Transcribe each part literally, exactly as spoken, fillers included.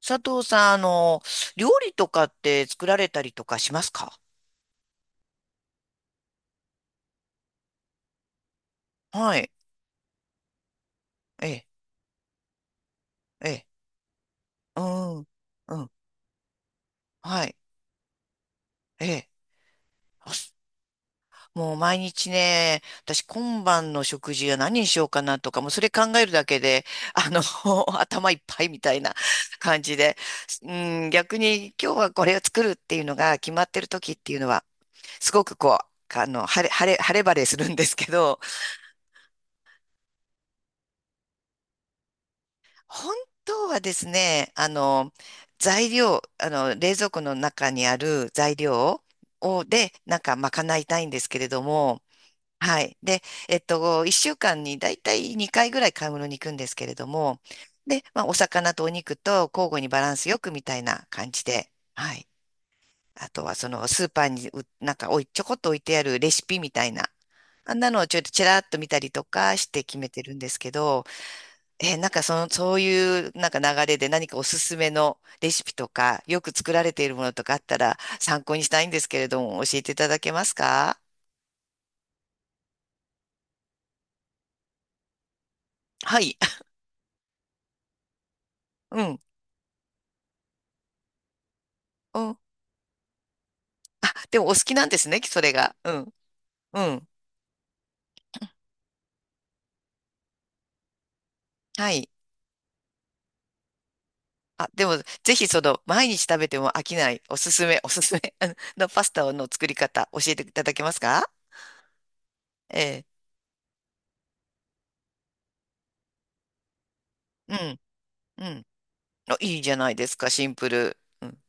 佐藤さん、あの、料理とかって作られたりとかしますか？はい。ええ、ええ、うん、うん、はい、ええ。あすもう毎日ね、私今晩の食事は何にしようかなとか、もうそれ考えるだけで、あの、頭いっぱいみたいな 感じで、うん、逆に今日はこれを作るっていうのが決まってる時っていうのは、すごくこう、あの、晴れ、晴れ、晴れ晴れするんですけど、本当はですね、あの、材料、あの、冷蔵庫の中にある材料を、で、なんか賄いたいんですけれども、はい。で、えっと、いっしゅうかんにだいたいにかいぐらい買い物に行くんですけれども、で、まあ、お魚とお肉と交互にバランスよくみたいな感じで、はい。あとは、その、スーパーにう、なんかおい、ちょこっと置いてあるレシピみたいな、あんなのをちょっとちらっと見たりとかして決めてるんですけど、えーなんかその、そういうなんか流れで何かおすすめのレシピとか、よく作られているものとかあったら参考にしたいんですけれども、教えていただけますか？はい。うん。うん。でもお好きなんですね、それが。うん。うん。はい。あ、でも、ぜひその、毎日食べても飽きない、おすすめ、おすすめ あののパスタの作り方、教えていただけますか？ええ、うん。うん。あ、いいじゃないですか、シンプル。うん。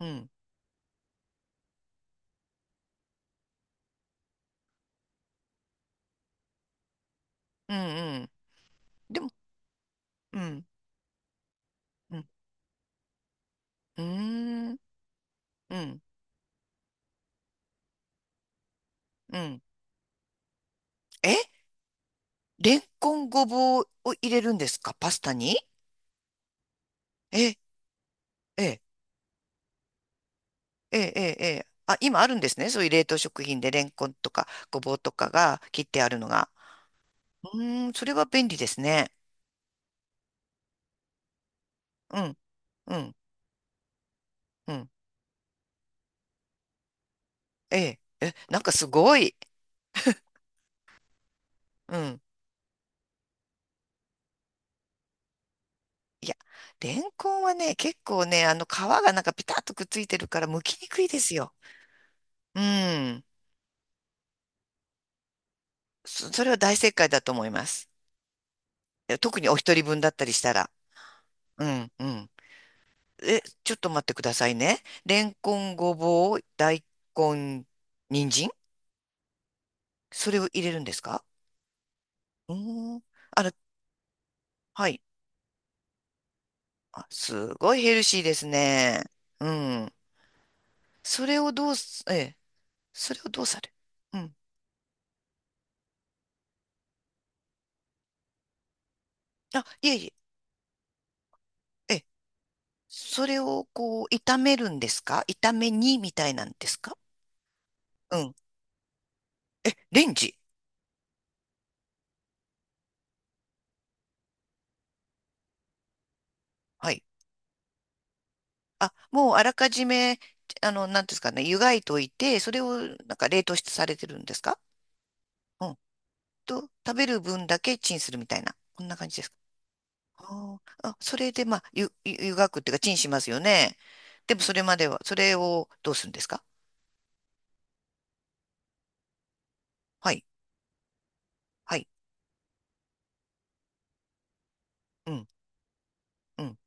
うん。うん。うん。でも、うん。うん。うーん。うん。うん。えレンコンごぼうを入れるんですかパスタに？え、え、え、え、え、あ、今あるんですね。そういう冷凍食品でレンコンとかごぼうとかが切ってあるのが。うーん、それは便利ですね。うん、うん、うん。ええ、え、なんかすごい。うん。いや、レンコンはね、結構ね、あの皮がなんかピタッとくっついてるから剥きにくいですよ。うん。そ、それは大正解だと思います。え特にお一人分だったりしたら。うん、うん。え、ちょっと待ってくださいね。レンコン、ごぼう、大根、人参、それを入れるんですか？うーん。あの、はい。あ、すごいヘルシーですね。うん。それをどうす、ええ、それをどうされうん。あ、いえいえ、ええ、それをこう、炒めるんですか、炒め煮みたいなんですか？うん。え、レンジ？はい。あ、もうあらかじめ、あの、なんていうんですかね、湯がいといて、それをなんか冷凍してされてるんですか？うん。と、食べる分だけチンするみたいな。こんな感じですか。あーあ、それで、まあ、ゆ、ゆ湯がくっていうか、チンしますよね。でも、それまでは、それをどうするんですか？はい、はい、うん、うん、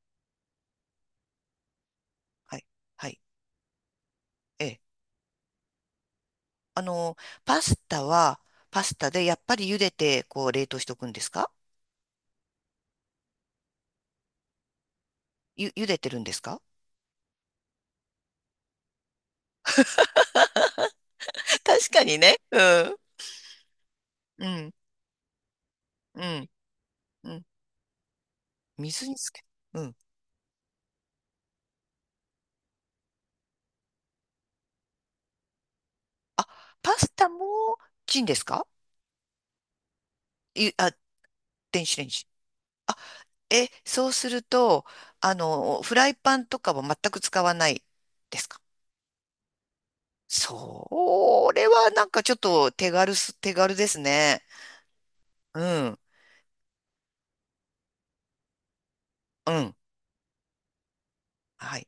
はい、はい、ええ。あの、パスタは、パスタで、やっぱり茹でて、こう、冷凍しとくんですか？ゆ、茹でてるんですか？ 確かにね。うん。うん、うん、うん。水につけ、うん。あ、パスタもチンですか？い、あ、電子レンジ。え、そうすると、あの、フライパンとかは全く使わないですか？それはなんかちょっと手軽す、手軽ですね。うん、うん。はい。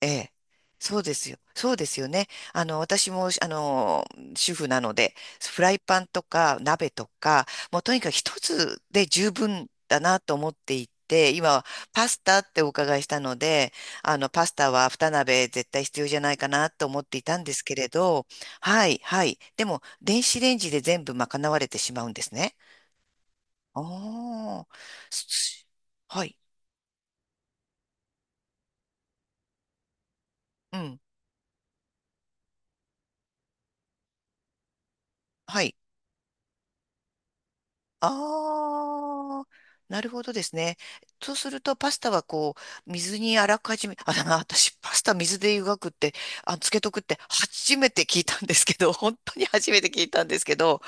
ええ。そうですよ。そうですよね。あの、私も、あの、主婦なので、フライパンとか鍋とか、もうとにかく一つで十分だなと思っていて、今、パスタってお伺いしたので、あの、パスタは二鍋絶対必要じゃないかなと思っていたんですけれど、はい、はい。でも、電子レンジで全部賄われてしまうんですね。おあ、すはい。うん。はい。ああ、なるほどですね。そうすると、パスタはこう、水にあらかじめ、あ、だな、私、パスタ水で湯がくって、あ、つけとくって、初めて聞いたんですけど、本当に初めて聞いたんですけど、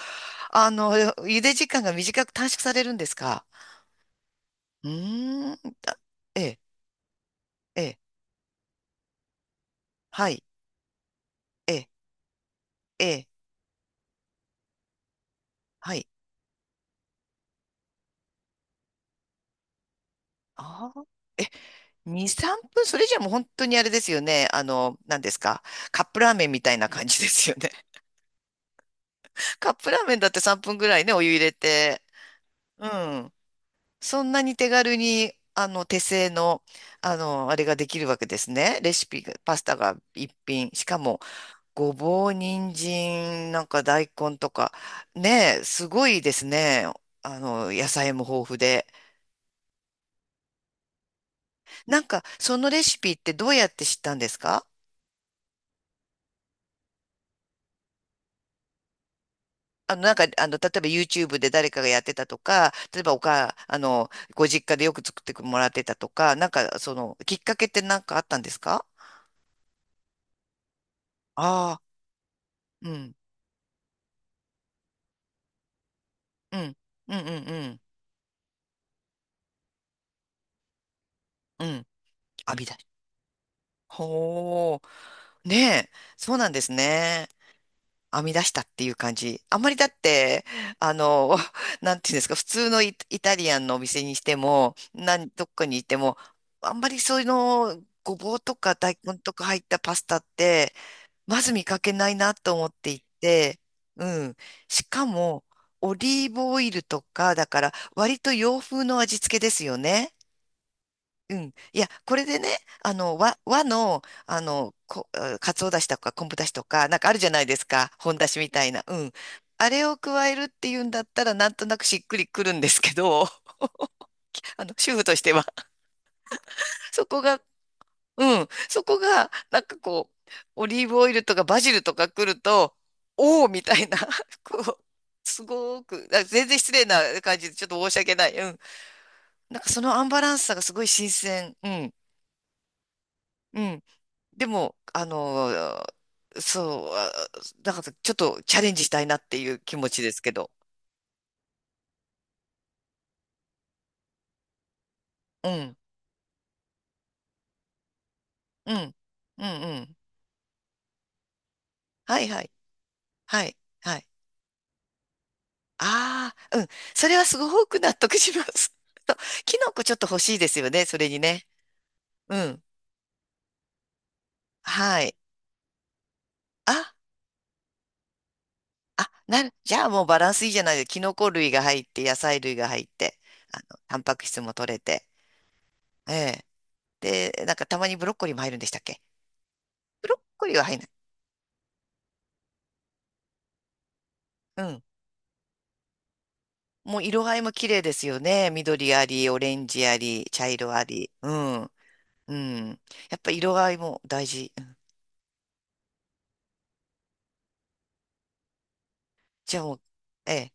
あの、茹で時間が短く短縮されるんですか？うーん、だええ、ええ、はい、ええ、ええ、はい。ああ、に、さんぷん、それじゃもう本当にあれですよね。あの、何ですか。カップラーメンみたいな感じですよね。カップラーメンだってさんぷんぐらいね、お湯入れて、うん。そんなに手軽に、あの、手製の、あの、あれができるわけですね。レシピが、パスタが一品。しかも、ごぼう、人参、なんか大根とか、ねえ、すごいですね。あの、野菜も豊富で。なんか、そのレシピってどうやって知ったんですか？あの、なんか、あの、例えば YouTube で誰かがやってたとか、例えばおか、あの、ご実家でよく作ってもらってたとか、なんか、その、きっかけってなんかあったんですか？ああー、うん。うん、うん、うん、うん、うん、編み出し。ほう、ねえ、そうなんですね。編み出したっていう感じ。あんまりだって、あの、なんていうんですか、普通のイ、イタリアンのお店にしても、何、どっかにいても、あんまりそういうの、ごぼうとか大根とか入ったパスタって、まず見かけないなと思っていて、うん。しかも、オリーブオイルとか、だから、割と洋風の味付けですよね。うん。いや、これでね、あの、和、和の、あの、こ、あかつおだしとか昆布だしとか、なんかあるじゃないですか。本だしみたいな。うん。あれを加えるっていうんだったら、なんとなくしっくりくるんですけど、あの、主婦としては、そこが、うん、そこが、なんかこう、オリーブオイルとかバジルとか来ると、おおみたいな、こう、すごく、あ全然失礼な感じで、ちょっと申し訳ない。うん。なんかそのアンバランスさがすごい新鮮。うん。うん。でも、あのー、そう、あだからちょっとチャレンジしたいなっていう気持ちですけど。うん、うん、うん、うん。はいはい、はい、はい。ああ、うん。それはすごく納得します。と、キノコちょっと欲しいですよね、それにね。うん。はい。あ、あ、なる。じゃあもうバランスいいじゃないですか。キノコ類が入って、野菜類が入って、あの、タンパク質も取れて。ええ。で、なんかたまにブロッコリーも入るんでしたっけ？ブロッコリーは入らない。もう色合いも綺麗ですよね。緑あり、オレンジあり、茶色あり。うん。うん。やっぱ色合いも大事。うん。じゃあもう、ええ。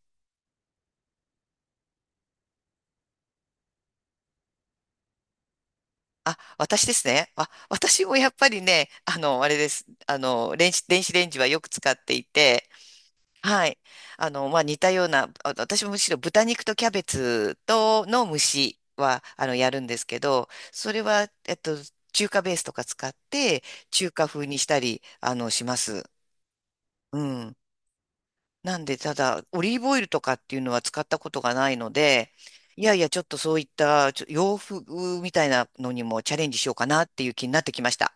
あ、私ですね。あ、私もやっぱりね、あの、あれです。あの、電子、電子レンジはよく使っていて、はい。あの、まあ、似たような、あ私もむしろ豚肉とキャベツとの蒸しは、あの、やるんですけど、それは、えっと、中華ベースとか使って、中華風にしたり、あの、します。うん。なんで、ただ、オリーブオイルとかっていうのは使ったことがないので、いやいや、ちょっとそういったちょ洋風みたいなのにもチャレンジしようかなっていう気になってきました。